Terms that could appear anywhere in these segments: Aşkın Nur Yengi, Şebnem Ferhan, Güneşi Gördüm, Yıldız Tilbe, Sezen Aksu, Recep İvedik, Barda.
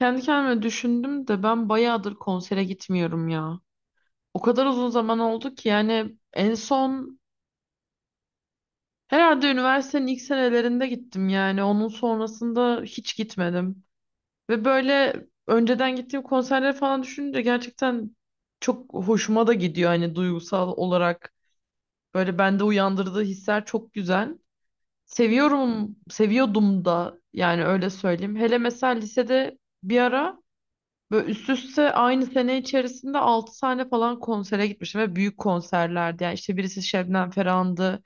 Kendi kendime düşündüm de ben bayağıdır konsere gitmiyorum ya. O kadar uzun zaman oldu ki yani en son herhalde üniversitenin ilk senelerinde gittim yani. Onun sonrasında hiç gitmedim. Ve böyle önceden gittiğim konserleri falan düşününce gerçekten çok hoşuma da gidiyor. Hani duygusal olarak böyle bende uyandırdığı hisler çok güzel. Seviyorum, seviyordum da yani öyle söyleyeyim. Hele mesela lisede bir ara böyle üst üste aynı sene içerisinde 6 tane falan konsere gitmişim ve büyük konserlerdi. Yani işte birisi Şebnem Ferhan'dı,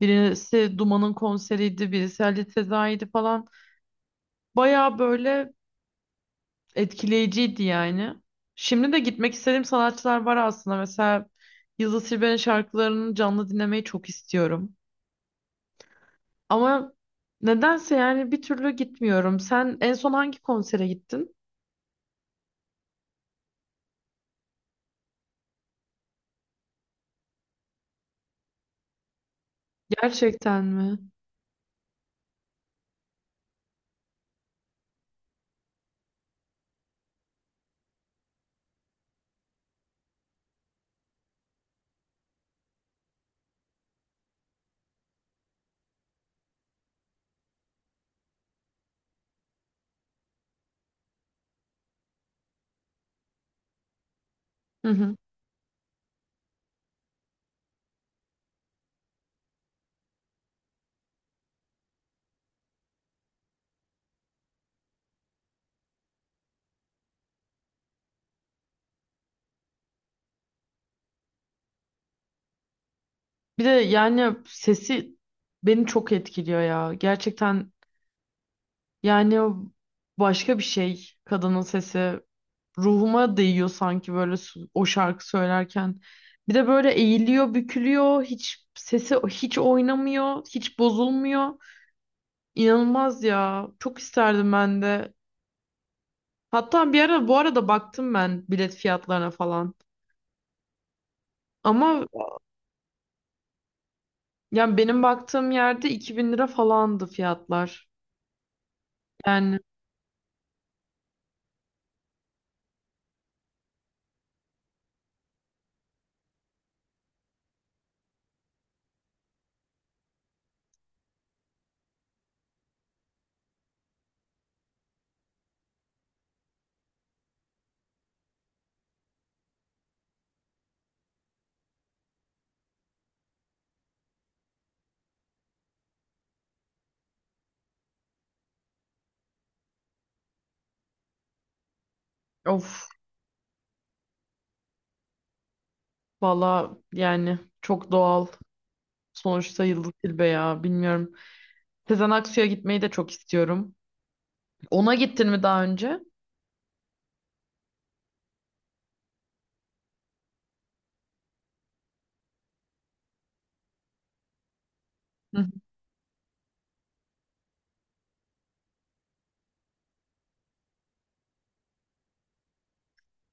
birisi Duman'ın konseriydi, birisi Halit Sezai'ydi falan. Baya böyle etkileyiciydi yani. Şimdi de gitmek istediğim sanatçılar var aslında. Mesela Yıldız Tilbe'nin şarkılarını canlı dinlemeyi çok istiyorum. Ama nedense yani bir türlü gitmiyorum. Sen en son hangi konsere gittin? Gerçekten mi? Hı hı. Bir de yani sesi beni çok etkiliyor ya. Gerçekten yani başka bir şey kadının sesi ruhuma değiyor sanki böyle o şarkı söylerken. Bir de böyle eğiliyor, bükülüyor. Hiç sesi hiç oynamıyor, hiç bozulmuyor. İnanılmaz ya. Çok isterdim ben de. Hatta bir ara bu arada baktım ben bilet fiyatlarına falan. Ama yani benim baktığım yerde 2.000 lira falandı fiyatlar. Yani, of. Valla, yani çok doğal. Sonuçta Yıldız Tilbe ya, bilmiyorum. Sezen Aksu'ya gitmeyi de çok istiyorum. Ona gittin mi daha önce? Hı.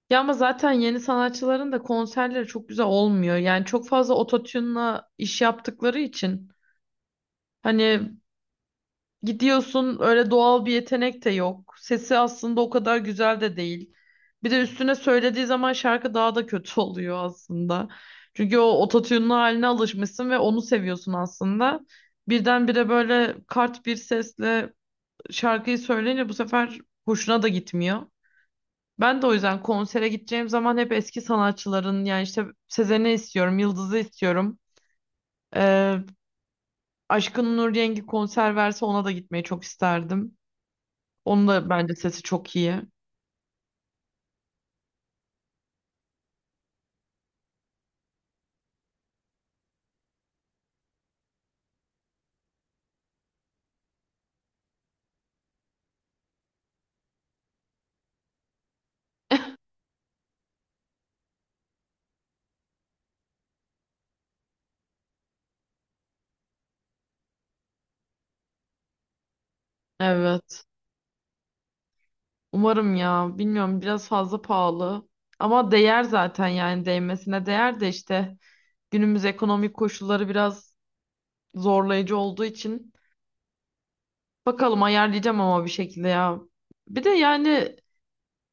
Ya ama zaten yeni sanatçıların da konserleri çok güzel olmuyor. Yani çok fazla ototune'la iş yaptıkları için hani gidiyorsun öyle doğal bir yetenek de yok. Sesi aslında o kadar güzel de değil. Bir de üstüne söylediği zaman şarkı daha da kötü oluyor aslında. Çünkü o ototune'lu haline alışmışsın ve onu seviyorsun aslında. Birdenbire böyle kart bir sesle şarkıyı söyleyince bu sefer hoşuna da gitmiyor. Ben de o yüzden konsere gideceğim zaman hep eski sanatçıların yani işte Sezen'i istiyorum, Yıldız'ı istiyorum. Ee, Aşkın Nur Yengi konser verse ona da gitmeyi çok isterdim. Onun da bence sesi çok iyi. Evet. Umarım ya. Bilmiyorum, biraz fazla pahalı. Ama değer zaten, yani değmesine değer de işte günümüz ekonomik koşulları biraz zorlayıcı olduğu için bakalım, ayarlayacağım ama bir şekilde ya. Bir de yani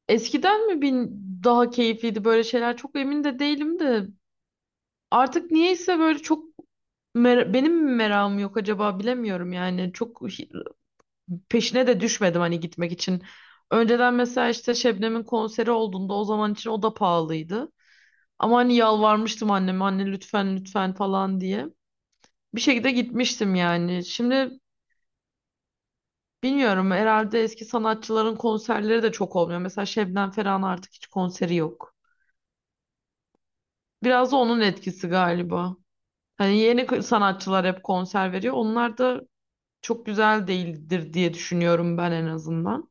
eskiden mi bin daha keyifliydi böyle şeyler? Çok emin de değilim de. Artık niyeyse böyle çok benim mi merakım yok acaba, bilemiyorum yani. Çok peşine de düşmedim hani gitmek için. Önceden mesela işte Şebnem'in konseri olduğunda o zaman için o da pahalıydı. Ama hani yalvarmıştım anneme, anne lütfen lütfen falan diye. Bir şekilde gitmiştim yani. Şimdi bilmiyorum, herhalde eski sanatçıların konserleri de çok olmuyor. Mesela Şebnem Ferah'ın artık hiç konseri yok. Biraz da onun etkisi galiba. Hani yeni sanatçılar hep konser veriyor. Onlar da çok güzel değildir diye düşünüyorum ben en azından.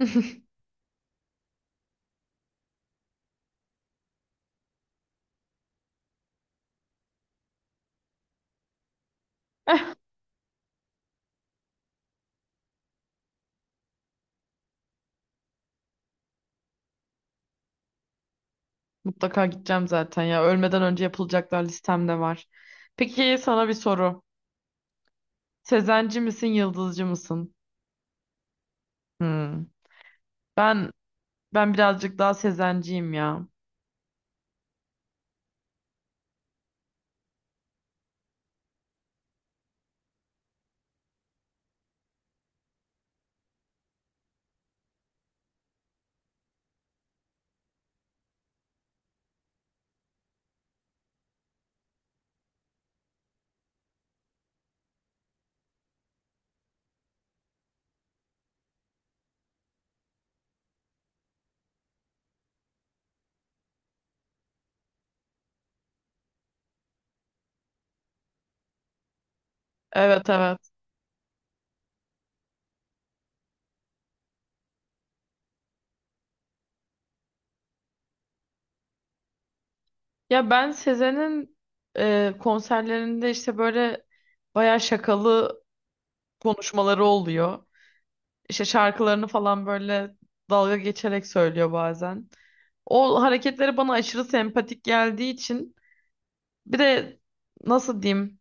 Mutlaka gideceğim zaten ya. Ölmeden önce yapılacaklar listemde var. Peki, sana bir soru. Sezenci misin, yıldızcı mısın? Hmm. Ben ben birazcık daha sezenciyim ya. Evet, evet. Ya ben Sezen'in konserlerinde işte böyle bayağı şakalı konuşmaları oluyor. İşte şarkılarını falan böyle dalga geçerek söylüyor bazen. O hareketleri bana aşırı sempatik geldiği için, bir de nasıl diyeyim,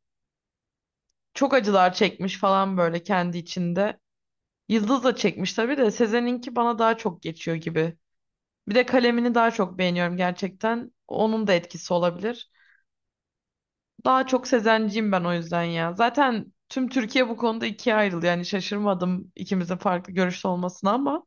çok acılar çekmiş falan böyle kendi içinde. Yıldız da çekmiş tabii de Sezen'inki bana daha çok geçiyor gibi. Bir de kalemini daha çok beğeniyorum gerçekten. Onun da etkisi olabilir. Daha çok Sezenciyim ben o yüzden ya. Zaten tüm Türkiye bu konuda ikiye ayrıldı. Yani şaşırmadım ikimizin farklı görüşte olmasına ama.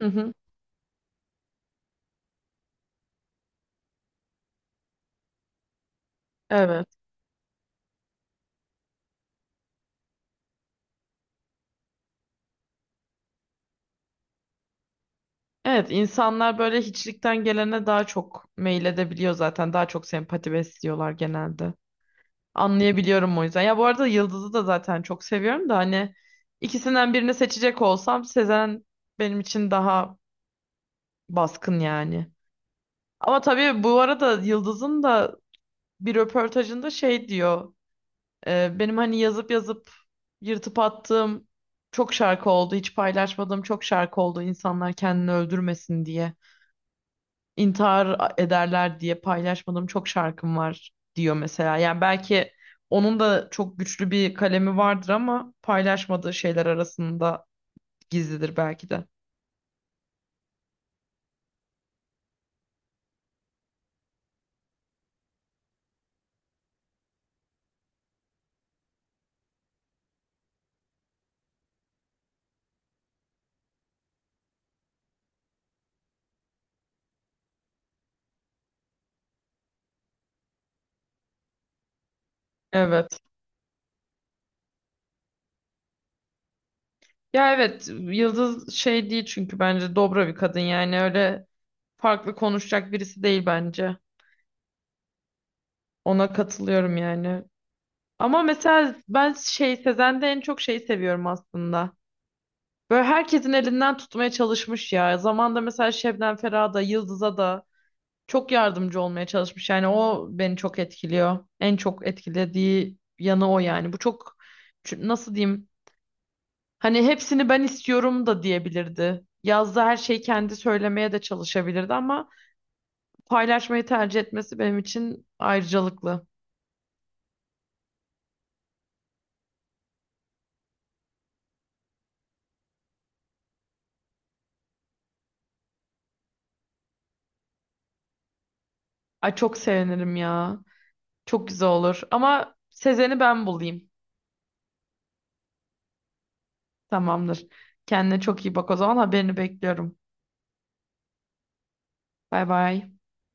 Hı hı. Evet. Evet, insanlar böyle hiçlikten gelene daha çok meyil edebiliyor zaten. Daha çok sempati besliyorlar genelde. Anlayabiliyorum o yüzden. Ya, bu arada Yıldız'ı da zaten çok seviyorum da hani ikisinden birini seçecek olsam Sezen benim için daha baskın yani. Ama tabii bu arada Yıldız'ın da bir röportajında şey diyor. Benim hani yazıp yazıp yırtıp attığım çok şarkı oldu. Hiç paylaşmadığım çok şarkı oldu. İnsanlar kendini öldürmesin diye, intihar ederler diye paylaşmadığım çok şarkım var diyor mesela. Yani belki onun da çok güçlü bir kalemi vardır ama paylaşmadığı şeyler arasında gizlidir belki de. Evet. Ya evet, Yıldız şey değil çünkü bence dobra bir kadın, yani öyle farklı konuşacak birisi değil bence. Ona katılıyorum yani. Ama mesela ben şey, Sezen'de en çok şeyi seviyorum aslında. Böyle herkesin elinden tutmaya çalışmış ya. Zamanında mesela Şebnem Ferah'a da Yıldız'a da çok yardımcı olmaya çalışmış. Yani o beni çok etkiliyor. En çok etkilediği yanı o yani. Bu çok nasıl diyeyim? Hani hepsini ben istiyorum da diyebilirdi. Yazda her şeyi kendi söylemeye de çalışabilirdi ama paylaşmayı tercih etmesi benim için ayrıcalıklı. Ay, çok sevinirim ya. Çok güzel olur. Ama Sezen'i ben bulayım. Tamamdır. Kendine çok iyi bak o zaman. Haberini bekliyorum. Bay bay.